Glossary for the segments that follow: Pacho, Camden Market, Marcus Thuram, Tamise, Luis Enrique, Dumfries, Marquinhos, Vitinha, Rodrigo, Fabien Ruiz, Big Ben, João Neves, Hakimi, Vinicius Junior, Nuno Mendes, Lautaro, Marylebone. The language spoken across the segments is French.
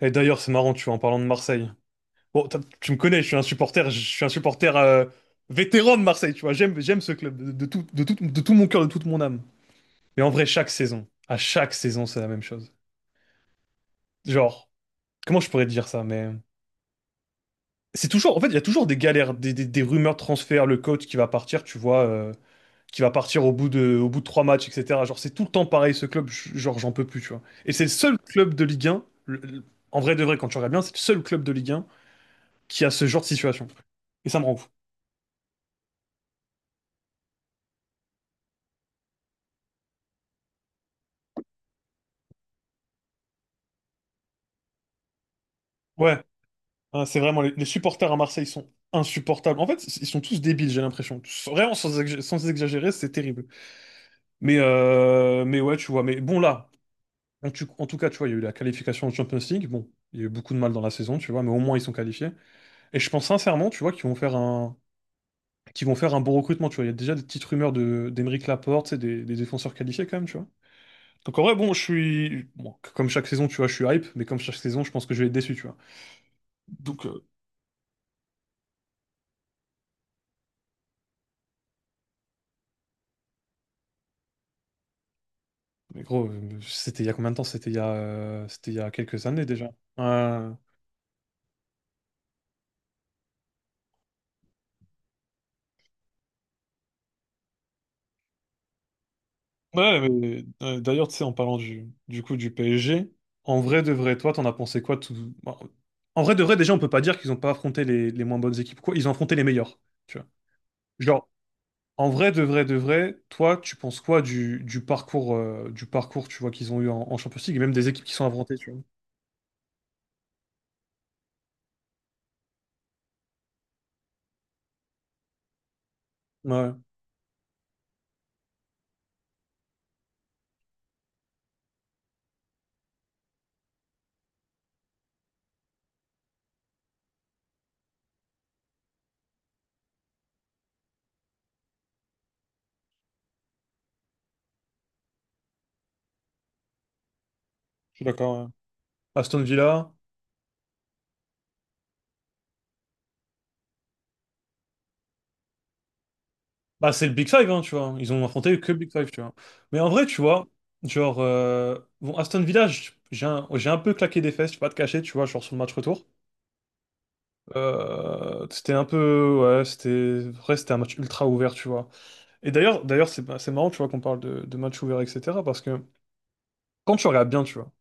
Et d'ailleurs, c'est marrant, tu vois, en parlant de Marseille. Bon, tu me connais, je suis un supporter, je suis un supporter vétéran de Marseille, tu vois. J'aime ce club de tout mon cœur, de toute mon âme. Mais en vrai, à chaque saison, c'est la même chose. Genre, comment je pourrais te dire ça, mais c'est toujours, en fait, il y a toujours des galères, des rumeurs de transfert, le coach qui va partir, tu vois, qui va partir au bout de trois matchs, etc. Genre, c'est tout le temps pareil, ce club, genre, j'en peux plus, tu vois. Et c'est le seul club de Ligue 1, en vrai de vrai, quand tu regardes bien, c'est le seul club de Ligue 1 qui a ce genre de situation. Et ça me rend fou. Ouais, hein, c'est vraiment, les supporters à Marseille sont insupportables. En fait, ils sont tous débiles, j'ai l'impression. Vraiment, sans exagérer, c'est terrible. Mais ouais, tu vois, mais bon, là, en tout cas, tu vois, il y a eu la qualification en Champions League. Bon, il y a eu beaucoup de mal dans la saison, tu vois, mais au moins, ils sont qualifiés. Et je pense sincèrement, tu vois, qu'ils vont faire un bon recrutement, tu vois. Il y a déjà des petites rumeurs d'Emeric Laporte, c'est des défenseurs qualifiés quand même, tu vois. Donc en vrai, bon, je suis... Bon, comme chaque saison, tu vois, je suis hype, mais comme chaque saison, je pense que je vais être déçu, tu vois. Donc, mais gros, c'était il y a combien de temps? C'était il y a quelques années déjà. Euh, Ouais, d'ailleurs, tu sais, en parlant du coup du PSG, en vrai de vrai, toi, t'en as pensé quoi tout... bon, en vrai de vrai, déjà, on peut pas dire qu'ils ont pas affronté les moins bonnes équipes, quoi. Ils ont affronté les meilleures, tu vois. Genre, en vrai de vrai de vrai, toi, tu penses quoi du parcours, tu vois, qu'ils ont eu en Champions League, et même des équipes qui sont affrontées, tu vois. Ouais, je suis d'accord, ouais. Aston Villa. Bah, c'est le Big Five, hein, tu vois. Ils ont affronté que le Big Five, tu vois. Mais en vrai, tu vois, genre, bon, Aston Villa, j'ai un peu claqué des fesses, je vais pas te cacher, tu vois, genre sur le match retour. C'était un peu, ouais, en vrai, c'était un match ultra ouvert, tu vois. Et d'ailleurs, c'est marrant, tu vois, qu'on parle de match ouvert, etc. Parce que quand tu regardes bien, tu vois,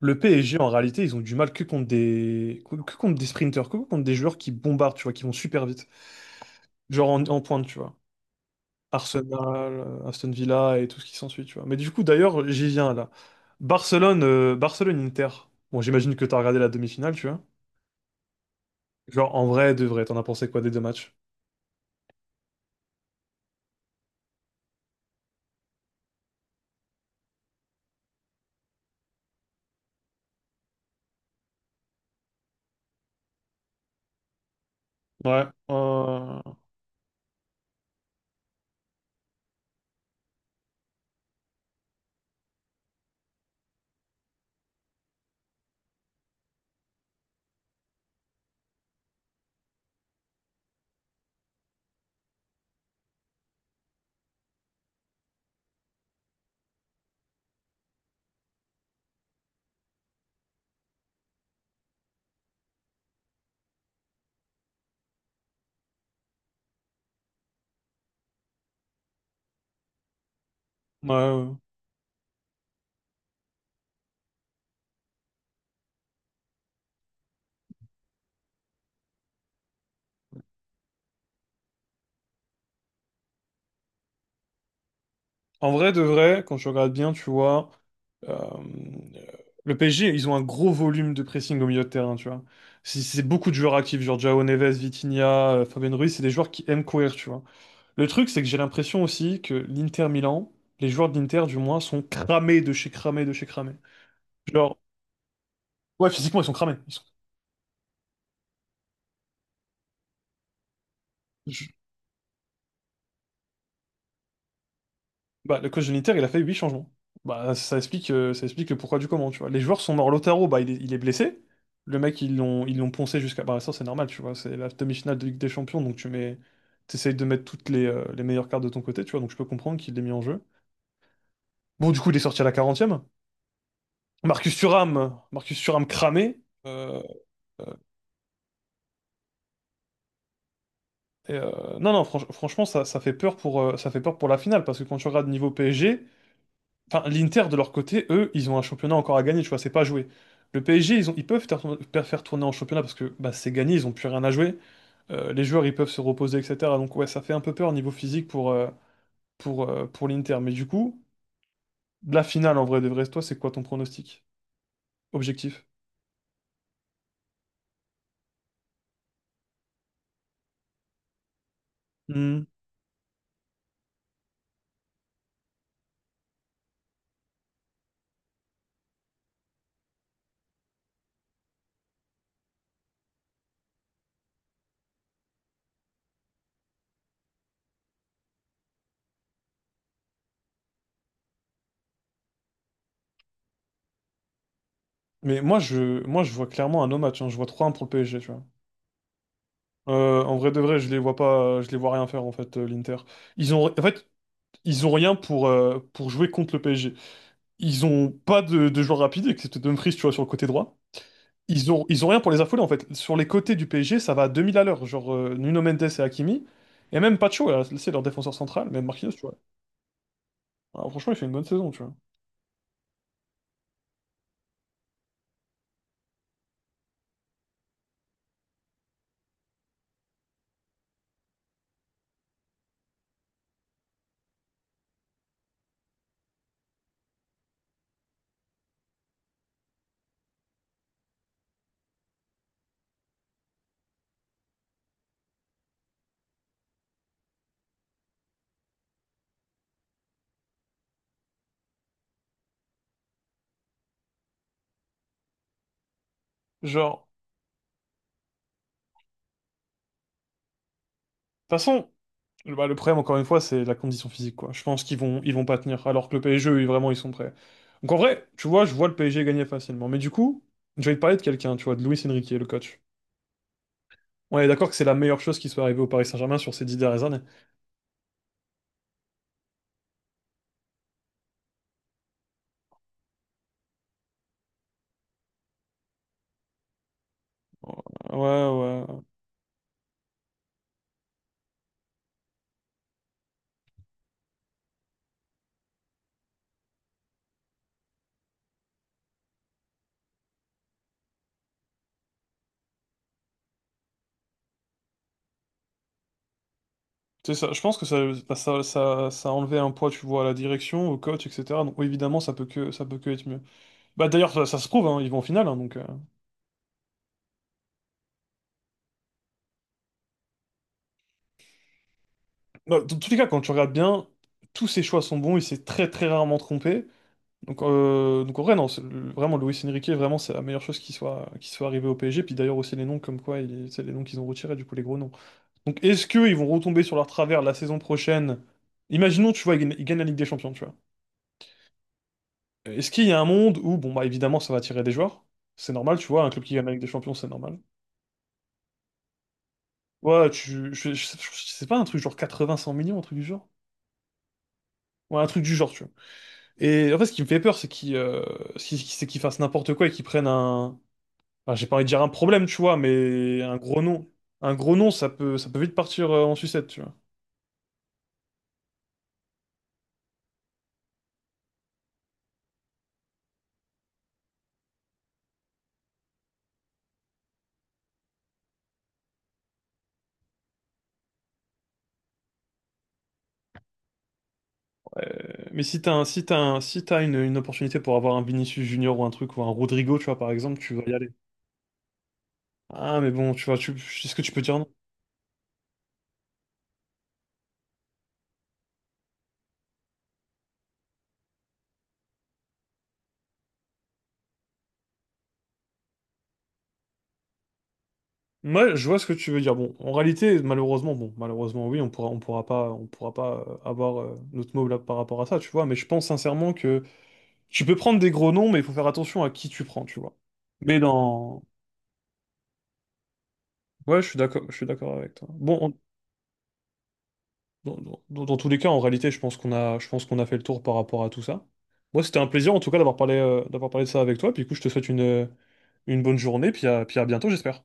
le PSG, en réalité, ils ont du mal que contre des sprinters, que contre des joueurs qui bombardent, tu vois, qui vont super vite, genre en pointe, tu vois. Arsenal, Aston Villa et tout ce qui s'ensuit, tu vois. Mais du coup, d'ailleurs, j'y viens là. Barcelone, Barcelone-Inter. Bon, j'imagine que t'as regardé la demi-finale, tu vois. Genre, en vrai, de vrai, t'en as pensé quoi des deux matchs? Ouais, euh, ouais, ouais. En vrai, de vrai, quand tu regardes bien, tu vois, Euh, le PSG, ils ont un gros volume de pressing au milieu de terrain, tu vois. C'est beaucoup de joueurs actifs, genre João Neves, Vitinha, Fabien Ruiz, c'est des joueurs qui aiment courir, tu vois. Le truc, c'est que j'ai l'impression aussi que l'Inter Milan, les joueurs de l'Inter du moins, sont cramés de chez cramés de chez cramés. Genre, ouais, physiquement, ils sont cramés. Bah, le coach de l'Inter, il a fait 8 changements. Bah, ça explique le pourquoi du comment, tu vois. Les joueurs sont morts. Lautaro, bah, il est blessé. Le mec, ils l'ont poncé jusqu'à... Bah, ça, c'est normal, tu vois. C'est la demi-finale de Ligue des Champions, donc tu mets... T'essayes de mettre toutes les meilleures cartes de ton côté, tu vois. Donc je peux comprendre qu'il l'ait mis en jeu. Bon, du coup, il est sorti à la quarantième. Marcus Thuram, Marcus Thuram cramé. Euh, euh, et, euh, non, franchement, ça fait peur pour, ça fait peur pour la finale, parce que quand tu regardes niveau PSG... Enfin, l'Inter, de leur côté, eux, ils ont un championnat encore à gagner, tu vois, c'est pas joué. Le PSG, ils peuvent faire tourner, faire tourner en championnat parce que bah, c'est gagné, ils ont plus rien à jouer. Les joueurs, ils peuvent se reposer, etc. Donc ouais, ça fait un peu peur au niveau physique pour, pour l'Inter. Mais du coup, la finale, en vrai de vrai, toi, c'est quoi ton pronostic? Objectif? Hmm. Mais moi, je vois clairement un no match, hein. Je vois trois 1 pour le PSG, tu vois. En vrai de vrai, je les vois rien faire, en fait, l'Inter. Ils ont, en fait, ils ont rien pour, pour jouer contre le PSG. Ils ont pas de joueurs rapides, excepté Dumfries, tu vois, sur le côté droit. Ils ont rien pour les affoler, en fait. Sur les côtés du PSG, ça va à 2000 à l'heure. Genre, Nuno Mendes et Hakimi. Et même Pacho, c'est leur défenseur central, même Marquinhos, tu vois. Alors, franchement, il fait une bonne saison, tu vois. Genre, de toute façon, bah, le problème, encore une fois, c'est la condition physique, quoi. Je pense qu'ils vont pas tenir, alors que le PSG, eux, vraiment, ils sont prêts. Donc, en vrai, tu vois, je vois le PSG gagner facilement. Mais du coup, je vais te parler de quelqu'un, tu vois, de Luis Enrique, le coach. On est d'accord que c'est la meilleure chose qui soit arrivée au Paris Saint-Germain sur ces dix dernières années. Ouais, ouais. C'est ça. Je pense que ça, bah, ça a enlevé un poids, tu vois, à la direction, au coach, etc. Donc oui, évidemment, ça peut que être mieux. Bah d'ailleurs, ça se prouve, hein, ils vont en finale, hein, donc. Bah, dans tous les cas, quand tu regardes bien, tous ses choix sont bons. Il s'est très très rarement trompé. Donc, en vrai, non, vraiment, Luis Enrique, vraiment, c'est la meilleure chose qui soit arrivée au PSG. Puis d'ailleurs aussi les noms, comme quoi, c'est les noms qu'ils ont retirés, du coup, les gros noms. Donc est-ce qu'ils vont retomber sur leur travers la saison prochaine? Imaginons, tu vois, ils gagnent la Ligue des Champions, tu vois. Est-ce qu'il y a un monde où, bon, bah, évidemment, ça va attirer des joueurs? C'est normal, tu vois, un club qui gagne avec des champions, c'est normal. Ouais, je sais pas, un truc genre 80-100 millions, un truc du genre. Ouais, un truc du genre, tu vois. Et en fait, ce qui me fait peur, c'est qu'ils c'est qu'ils fassent n'importe quoi et qu'ils prennent un... Enfin, j'ai pas envie de dire un problème, tu vois, mais un gros nom. Un gros nom, ça peut vite partir en sucette, tu vois. Euh, mais si t'as un, si t'as un- si t'as une opportunité pour avoir un Vinicius Junior ou un truc, ou un Rodrigo, tu vois, par exemple, tu vas y aller. Ah, mais bon, tu vois, tu, est-ce que tu peux dire non? Moi, je vois ce que tu veux dire. Bon, en réalité, malheureusement, bon, malheureusement, oui, on pourra pas avoir notre mot là par rapport à ça, tu vois. Mais je pense sincèrement que tu peux prendre des gros noms, mais il faut faire attention à qui tu prends, tu vois. Mais dans, ouais, je suis d'accord avec toi. Bon, dans tous les cas, en réalité, je pense qu'on a fait le tour par rapport à tout ça. Moi, c'était un plaisir, en tout cas, d'avoir parlé de ça avec toi. Puis, du coup, je te souhaite une bonne journée, puis puis à bientôt, j'espère.